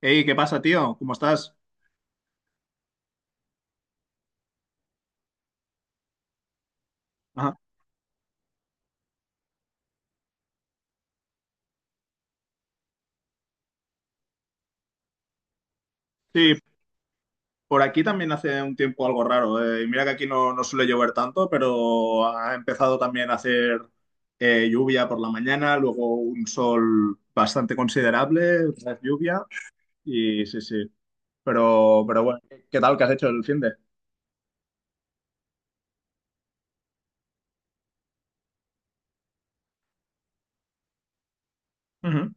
Hey, ¿qué pasa, tío? ¿Cómo estás? Ajá. Sí, por aquí también hace un tiempo algo raro. Y mira que aquí no suele llover tanto, pero ha empezado también a hacer lluvia por la mañana, luego un sol bastante considerable, otra vez lluvia. Y sí, sí. Pero bueno, ¿qué tal? ¿Qué has hecho el fin de? Ujú.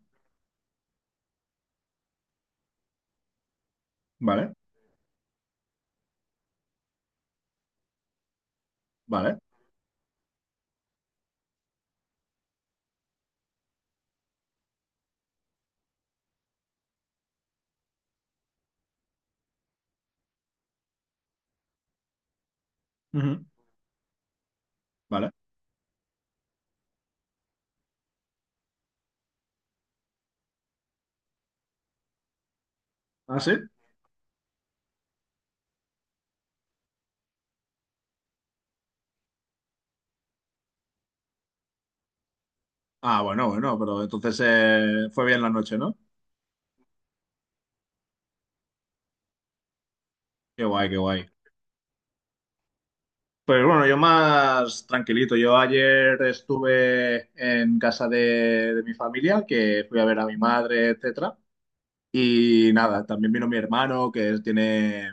Vale, vale, ujú, vale. ¿Ah, sí? Ah, bueno, bueno, pero entonces fue bien la noche, ¿no? Qué guay, qué guay. Pues bueno, yo más tranquilito. Yo ayer estuve en casa de mi familia, que fui a ver a mi madre, etcétera. Y nada, también vino mi hermano, que es- tiene,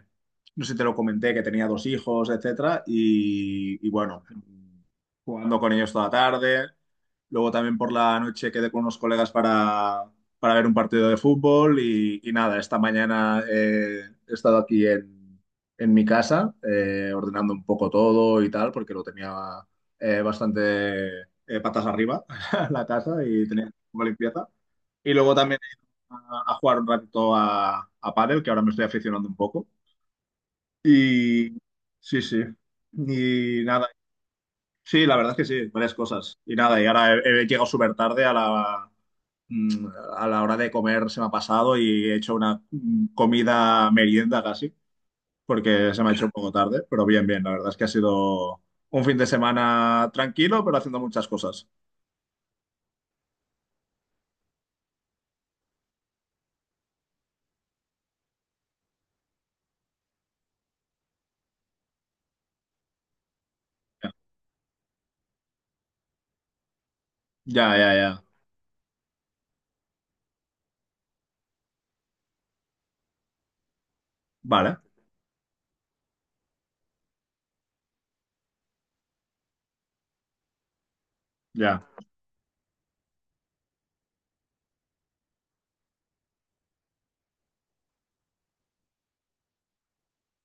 no sé si te lo comenté, que tenía dos hijos, etcétera. Y bueno, jugando con ellos toda la tarde. Luego también por la noche quedé con unos colegas para ver un partido de fútbol. Y nada, esta mañana he estado aquí en mi casa, ordenando un poco todo y tal, porque lo tenía bastante patas arriba la casa y tenía poca limpieza. Y luego también a jugar un ratito a pádel, que ahora me estoy aficionando un poco. Y sí, sí. Y nada. Sí, la verdad es que sí, varias cosas. Y nada, y ahora he llegado súper tarde a la, mm, a la hora de comer, se me ha pasado y he hecho una comida merienda casi, porque se me ha hecho un poco tarde, pero bien, bien, la verdad es que ha sido un fin de semana tranquilo, pero haciendo muchas cosas. Ya, ya, ya. Vale, ya,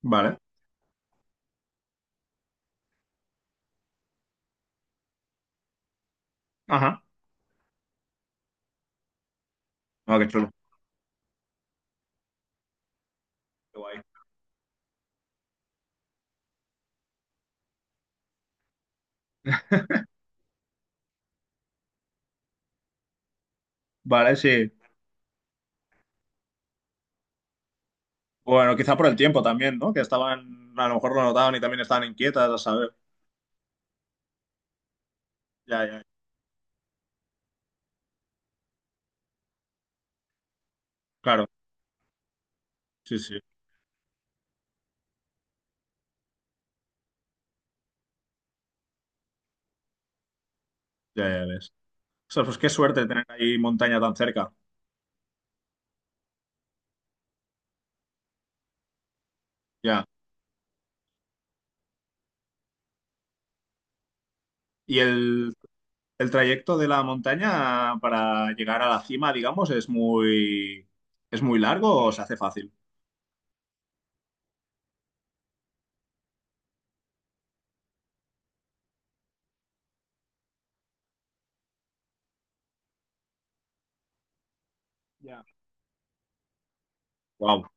vale. Ajá. Ah, qué chulo. Qué guay. Vale, sí. Bueno, quizá por el tiempo también, ¿no? Que estaban, a lo mejor lo notaban y también estaban inquietas, a saber. Ya, ya, claro, sí, sí, ya, ya ves. O sea, pues qué suerte tener ahí montaña tan cerca, ya. Y el trayecto de la montaña para llegar a la cima, digamos, es muy largo o se hace fácil. Ya. Wow,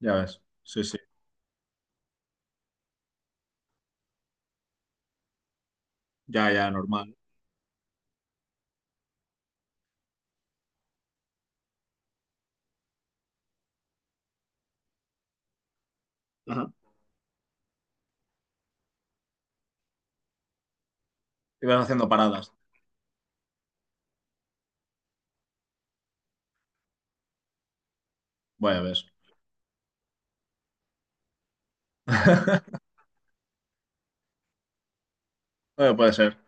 ya ves, sí, sí, ya, ya, normal. Ajá. Y vas haciendo paradas, vaya, ves. Bueno, puede ser.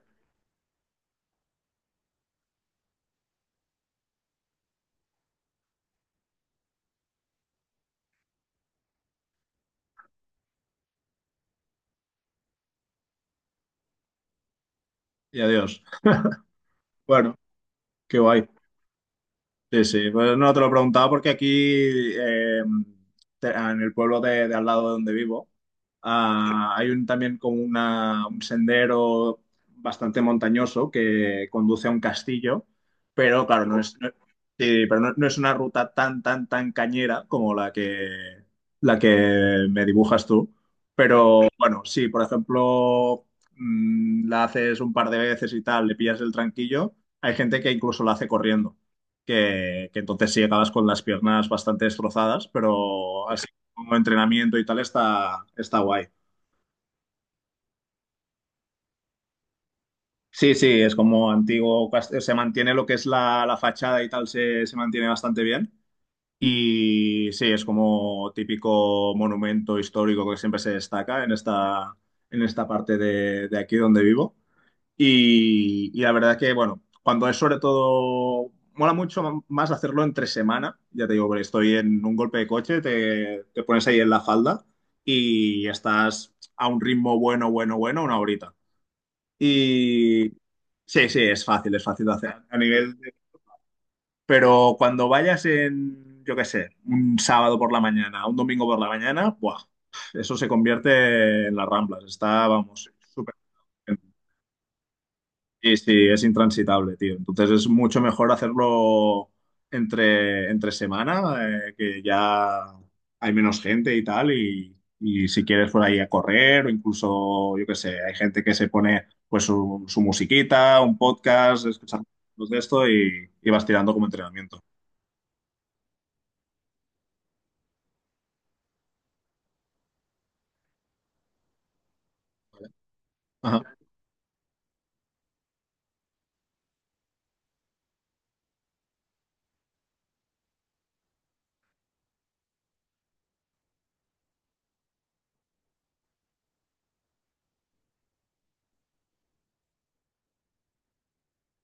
Y adiós. Bueno, qué guay. Sí, sí, pues no te lo preguntaba porque aquí te- en el pueblo de al lado de donde vivo ah, hay un, también como una, un sendero bastante montañoso que conduce a un castillo, pero claro, no es, no- sí, pero no, no es una ruta tan cañera como la que me dibujas tú. Pero bueno, sí, por ejemplo, la haces un par de veces y tal, le pillas el tranquillo, hay gente que incluso la hace corriendo que entonces sí acabas con las piernas bastante destrozadas, pero así como entrenamiento y tal está guay. Sí, sí, es como antiguo, cas- se mantiene lo que es la fachada y tal, se mantiene bastante bien. Y sí, es como típico monumento histórico que siempre se destaca en en esta parte de aquí donde vivo. Y la verdad que, bueno, cuando es sobre todo, mola mucho más hacerlo entre semana. Ya te digo, porque estoy en un golpe de coche, te pones ahí en la falda y estás a un ritmo bueno, bueno, bueno, una horita. Y sí, sí, es fácil de hacer a nivel de- Pero cuando vayas en, yo qué sé, un sábado por la mañana, un domingo por la mañana, ¡buah! Eso se convierte en las ramblas. Está, vamos, súper. Sí, sí, es intransitable, tío. Entonces es mucho mejor hacerlo entre semana, que ya hay menos gente y tal, y si quieres por ahí a correr o incluso, yo qué sé, hay gente que se pone pues su musiquita, un podcast, escuchando de esto y vas tirando como entrenamiento. Ajá.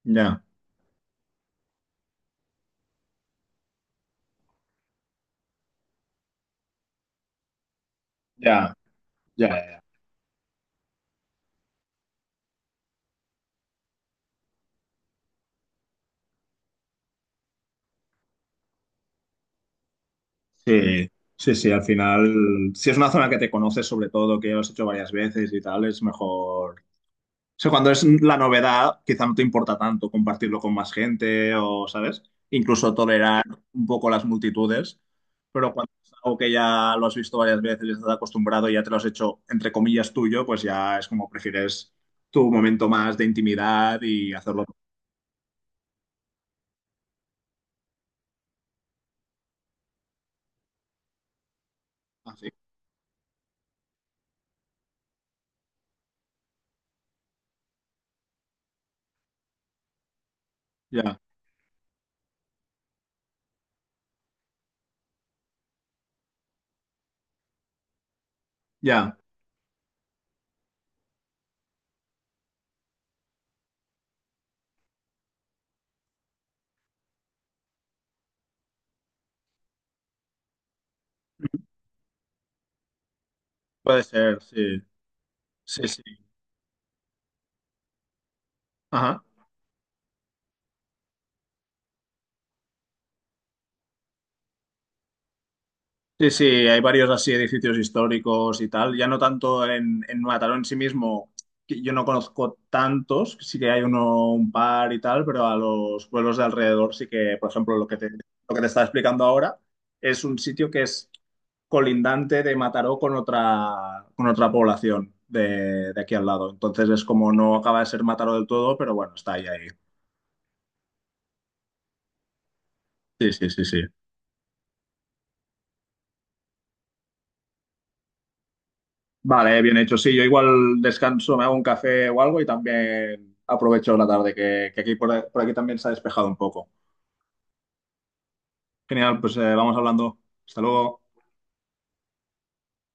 Ya, ya, ya, ya. Sí, sí, sí, al final, si es una zona que te conoces sobre todo, que ya lo has hecho varias veces y tal, es mejor. O sea, cuando es la novedad, quizá no te importa tanto compartirlo con más gente o, ¿sabes? Incluso tolerar un poco las multitudes, pero cuando es algo que ya lo has visto varias veces y estás acostumbrado y ya te lo has hecho, entre comillas, tuyo, pues ya es como prefieres tu momento más de intimidad y hacerlo así. Ya, ya, puede ser, sí, sí, sí. Ajá. Sí, sí, hay varios así edificios históricos y tal. Ya no tanto en Mataró en sí mismo, que yo no conozco tantos, sí que hay uno, un par y tal, pero a los pueblos de alrededor sí que, por ejemplo, lo que te estaba explicando ahora es un sitio que es colindante de Mataró con con otra población de aquí al lado. Entonces es como no acaba de ser Mataró del todo, pero bueno, está ahí, ahí. Sí, sí, sí, sí. Vale, bien hecho. Sí, yo igual descanso, me hago un café o algo y también aprovecho la tarde, que aquí por aquí también se ha despejado un poco. Genial, pues vamos hablando. Hasta luego.